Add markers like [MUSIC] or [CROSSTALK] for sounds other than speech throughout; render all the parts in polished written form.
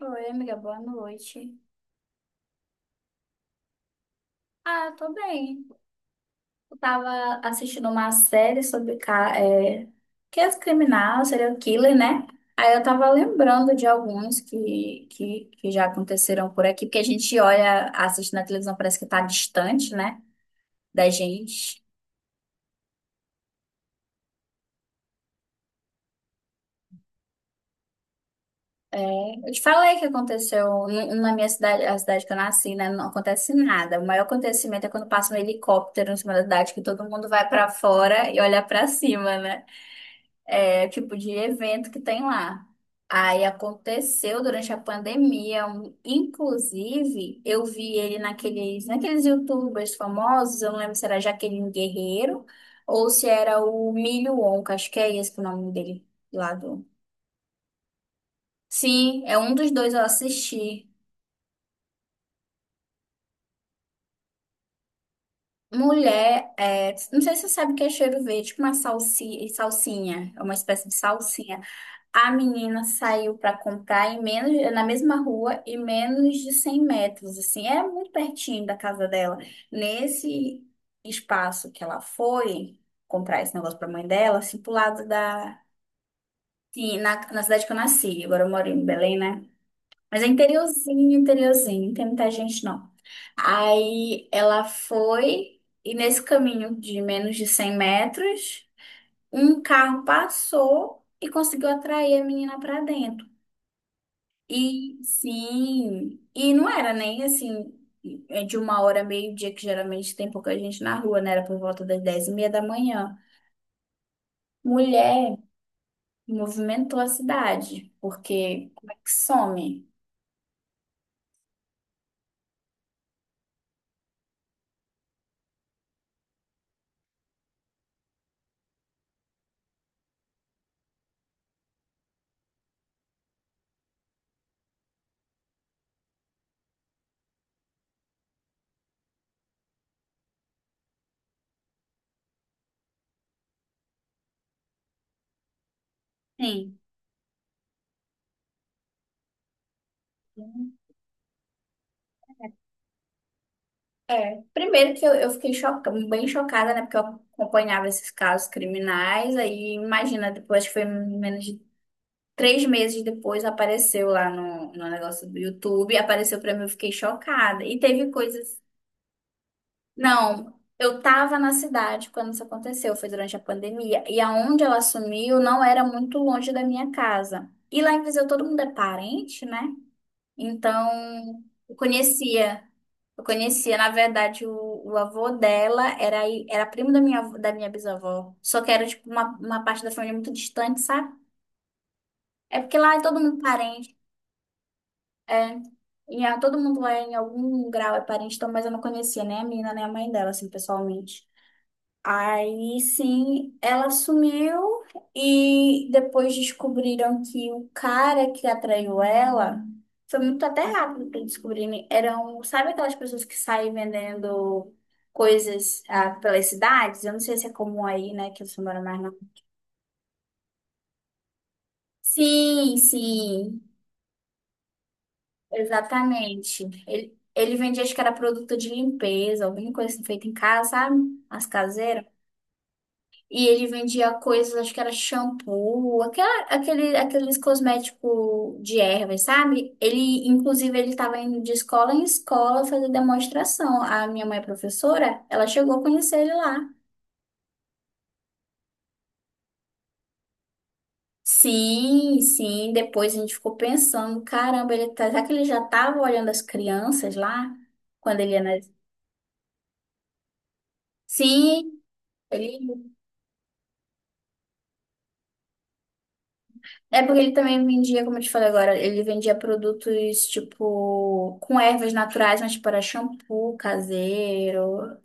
Oi, amiga, boa noite. Ah, eu tô bem. Eu tava assistindo uma série sobre que é criminal, serial killer, né? Aí eu tava lembrando de alguns que já aconteceram por aqui, porque a gente olha, assiste na televisão, parece que tá distante, né, da gente. É, eu te falei que aconteceu na minha cidade, a cidade que eu nasci, né? Não acontece nada. O maior acontecimento é quando passa um helicóptero em cima da cidade, que todo mundo vai pra fora e olha pra cima, né? Tipo de evento que tem lá. Aí aconteceu durante a pandemia, inclusive eu vi ele naqueles YouTubers famosos, eu não lembro se era Jaqueline Guerreiro ou se era o Milho Wonka, acho que é esse que é o nome dele lá do. Sim, é um dos dois eu assisti. Mulher, não sei se você sabe o que é cheiro verde, tipo uma salsinha, é uma espécie de salsinha. A menina saiu para comprar na mesma rua e menos de 100 metros, assim, é muito pertinho da casa dela. Nesse espaço que ela foi comprar esse negócio para mãe dela, assim, pro lado da, sim, na cidade que eu nasci, agora eu moro em Belém, né? Mas é interiorzinho, interiorzinho, não tem muita gente não. Aí ela foi e nesse caminho de menos de 100 metros, um carro passou e conseguiu atrair a menina para dentro. E sim, e não era nem assim, é de uma hora, meio-dia, que geralmente tem pouca gente na rua, né? Era por volta das 10:30 da manhã. Mulher movimentou a cidade, porque como é que some? Sim. É. Primeiro que eu fiquei bem chocada, né? Porque eu acompanhava esses casos criminais, aí imagina, depois que foi menos de 3 meses depois, apareceu lá no negócio do YouTube, apareceu pra mim, eu fiquei chocada. E teve coisas. Não, eu estava na cidade quando isso aconteceu, foi durante a pandemia. E aonde ela sumiu não era muito longe da minha casa. E lá em Viseu todo mundo é parente, né? Então, eu conhecia. Eu conhecia, na verdade, o avô dela era, era primo da minha bisavó. Só que era, tipo, uma parte da família muito distante, sabe? É porque lá é todo mundo parente. É, todo mundo lá em algum grau é parente, então, mas eu não conhecia nem a menina, nem a mãe dela, assim, pessoalmente. Aí sim, ela sumiu e depois descobriram que o cara que atraiu ela foi muito até rápido para descobrirem. Eram, sabe aquelas pessoas que saem vendendo coisas pelas cidades? Eu não sei se é comum aí, né, que você mora mais não? Sim, sim, exatamente. Ele vendia, acho que era produto de limpeza, alguma coisa assim, feita em casa, sabe? As caseiras. E ele vendia coisas, acho que era shampoo, aqueles cosméticos de ervas, sabe? Ele, inclusive, ele estava indo de escola em escola fazer demonstração. A minha mãe é professora, ela chegou a conhecer ele lá. Sim, sim. Depois a gente ficou pensando, caramba, será que ele já estava olhando as crianças lá? Quando ele ia na... Sim, ele É porque ele também vendia, como eu te falei agora, ele vendia produtos tipo com ervas naturais, mas tipo era shampoo caseiro.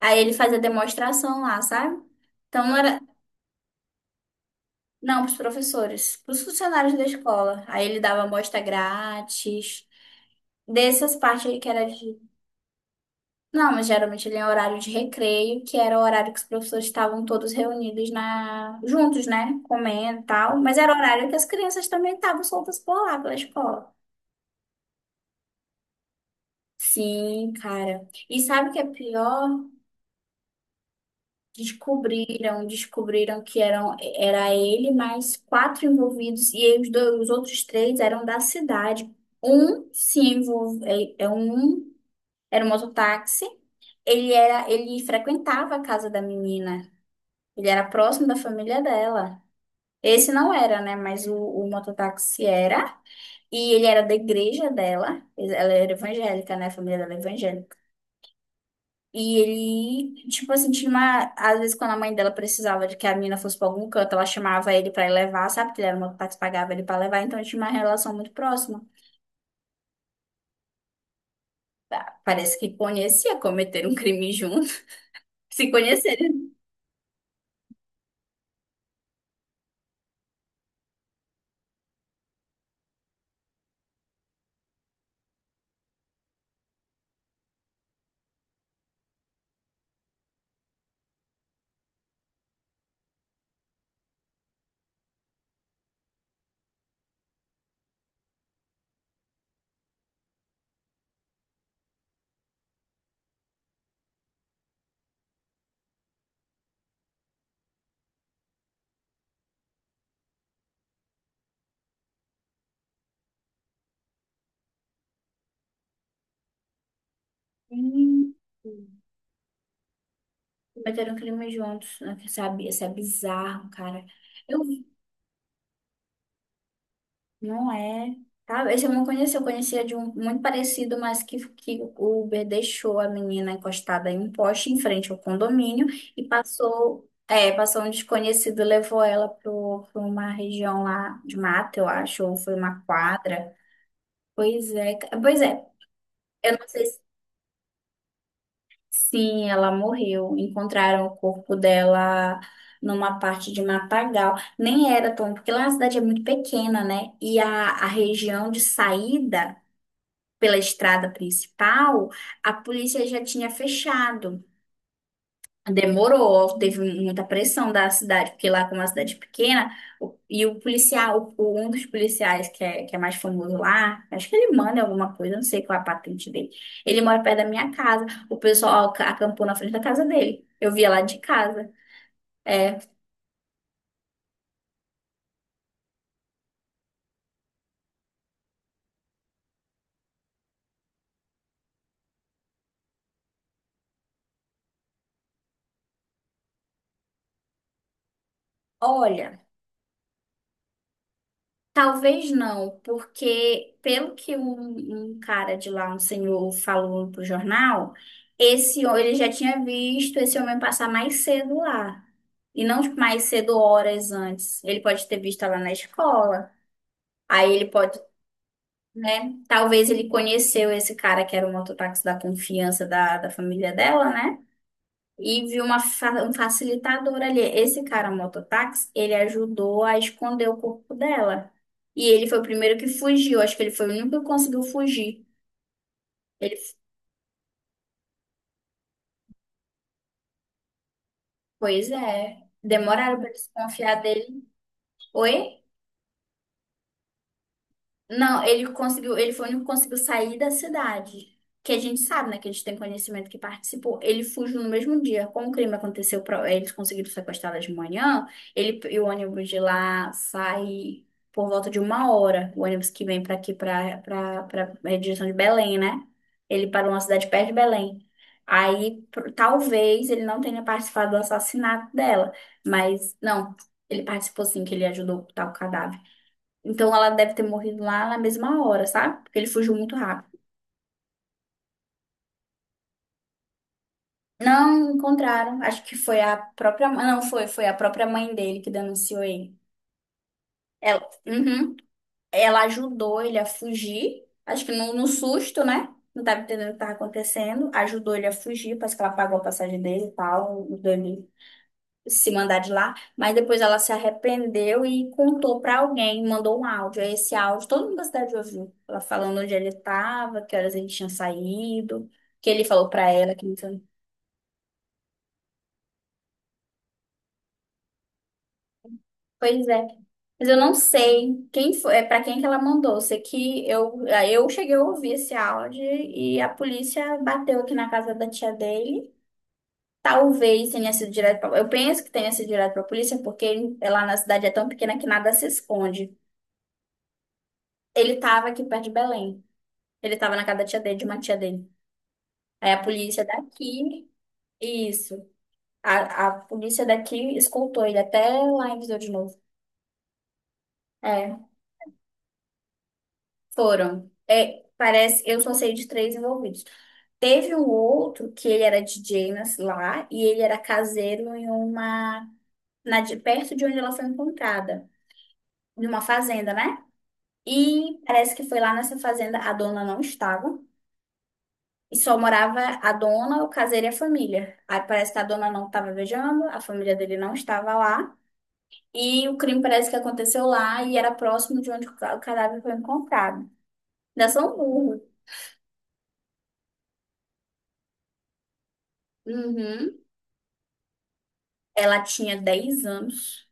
Aí ele fazia demonstração lá, sabe? Então não era, não, pros professores, pros funcionários da escola. Aí ele dava amostra grátis, dessas partes aí que era de. Não, mas geralmente ele é horário de recreio, que era o horário que os professores estavam todos reunidos na juntos, né? Comendo e tal. Mas era o horário que as crianças também estavam soltas por lá pela escola. Sim, cara. E sabe o que é pior? Descobriram que era ele mais quatro envolvidos e aí os outros três eram da cidade. Um se envolve, é, é um era um mototáxi. Ele frequentava a casa da menina. Ele era próximo da família dela. Esse não era, né? Mas o mototáxi era. E ele era da igreja dela. Ela era evangélica, né? A família dela é evangélica. E ele, tipo assim, tinha uma. Às vezes, quando a mãe dela precisava de que a menina fosse pra algum canto, ela chamava ele pra ir levar, sabe? Que ele era uma parte pagava ele pra levar, então tinha uma relação muito próxima. Parece que conhecia, cometeram um crime juntos. [LAUGHS] Se conhecerem. Hum. Cometeram um crime juntos, né? Sabe? Isso é bizarro, cara. Eu Não é. Tá, esse eu não conhecia, eu conhecia de um muito parecido, mas que o Uber deixou a menina encostada em um poste em frente ao condomínio e passou um desconhecido, levou ela para uma região lá de mata, eu acho, ou foi uma quadra. Pois é, pois é, eu não sei se, sim, ela morreu. Encontraram o corpo dela numa parte de matagal. Nem era tão, porque lá a cidade é muito pequena, né? E a região de saída pela estrada principal, a polícia já tinha fechado. Demorou, teve muita pressão da cidade, porque lá, como é uma cidade pequena, e o policial, um dos policiais que é mais famoso lá, acho que ele manda alguma coisa, não sei qual é a patente dele. Ele mora perto da minha casa. O pessoal acampou na frente da casa dele. Eu via lá de casa. É, olha. Talvez não, porque pelo que um cara de lá, um senhor, falou pro jornal, ele já tinha visto esse homem passar mais cedo lá. E não tipo, mais cedo horas antes. Ele pode ter visto lá na escola. Aí ele pode, né? Talvez ele conheceu esse cara que era o mototáxi da confiança da família dela, né? E viu um facilitador ali. Esse cara, mototáxi, ele ajudou a esconder o corpo dela. E ele foi o primeiro que fugiu. Acho que ele foi o único que conseguiu fugir. Ele, Pois é, demoraram para desconfiar dele. Oi? Não, ele conseguiu, ele foi o único que conseguiu sair da cidade. Que a gente sabe, né? Que a gente tem conhecimento que participou. Ele fugiu no mesmo dia. Como o crime aconteceu, eles conseguiram sequestrá-la de manhã, ele e o ônibus de lá sai por volta de uma hora. O ônibus que vem para aqui, para a direção de Belém, né? Ele parou numa cidade perto de Belém. Aí, talvez ele não tenha participado do assassinato dela, mas não, ele participou sim, que ele ajudou a ocultar o cadáver. Então ela deve ter morrido lá na mesma hora, sabe? Porque ele fugiu muito rápido. Não encontraram. Acho que foi a própria. Não, foi a própria mãe dele que denunciou ele. Uhum. Ela ajudou ele a fugir. Acho que no susto, né? Não tava entendendo o que estava acontecendo. Ajudou ele a fugir, parece que ela pagou a passagem dele e tal. Se mandar de lá, mas depois ela se arrependeu e contou pra alguém, mandou um áudio. Aí esse áudio todo mundo da cidade ouviu, ela falando onde ele estava, que horas ele tinha saído, que ele falou pra ela que então, pois é. Mas eu não sei quem foi, é para quem que ela mandou. Eu sei que eu cheguei a ouvir esse áudio e a polícia bateu aqui na casa da tia dele. Talvez tenha sido direto pra, eu penso que tenha sido direto pra polícia, porque lá na cidade é tão pequena que nada se esconde. Ele estava aqui perto de Belém. Ele tava na casa da tia dele, de uma tia dele. Aí a polícia daqui, isso. A polícia daqui escoltou ele até lá em Viseu de novo. É, foram. É, parece, eu só sei de três envolvidos. Teve um outro que ele era DJ lá e ele era caseiro perto de onde ela foi encontrada, numa fazenda, né? E parece que foi lá nessa fazenda a dona não estava. E só morava a dona, o caseiro e a família. Aí parece que a dona não estava viajando, a família dele não estava lá. E o crime parece que aconteceu lá e era próximo de onde o cadáver foi encontrado. Ainda são burro. Uhum. Ela tinha 10 anos.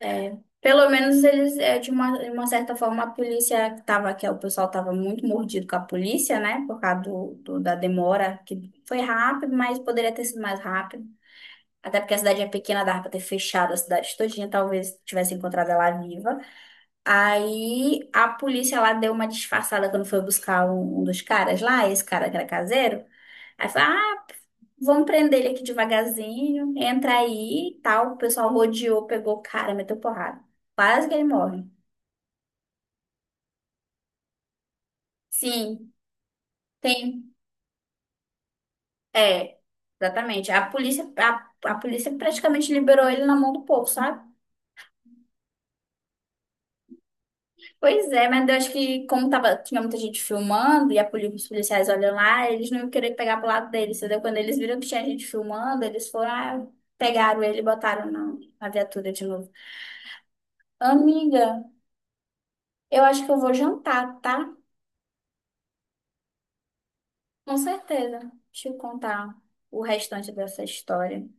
É. Pelo menos eles, de uma certa forma, a polícia tava, o pessoal estava muito mordido com a polícia, né? Por causa da demora, que foi rápido, mas poderia ter sido mais rápido. Até porque a cidade é pequena, dava pra ter fechado a cidade todinha, talvez tivesse encontrado ela viva. Aí a polícia lá deu uma disfarçada quando foi buscar um dos caras lá, esse cara que era caseiro. Aí falou: ah, vamos prender ele aqui devagarzinho, entra aí e tal. O pessoal rodeou, pegou o cara, meteu porrada. Quase que ele morre. Sim, tem. É, exatamente. A polícia praticamente liberou ele na mão do povo, sabe? Pois é, mas eu acho que como tava, tinha muita gente filmando e os policiais olham lá, eles não iam querer pegar pro lado deles, entendeu? Quando eles viram que tinha gente filmando, eles pegaram ele e botaram na viatura de novo. Amiga, eu acho que eu vou jantar, tá? Com certeza. Deixa eu contar o restante dessa história.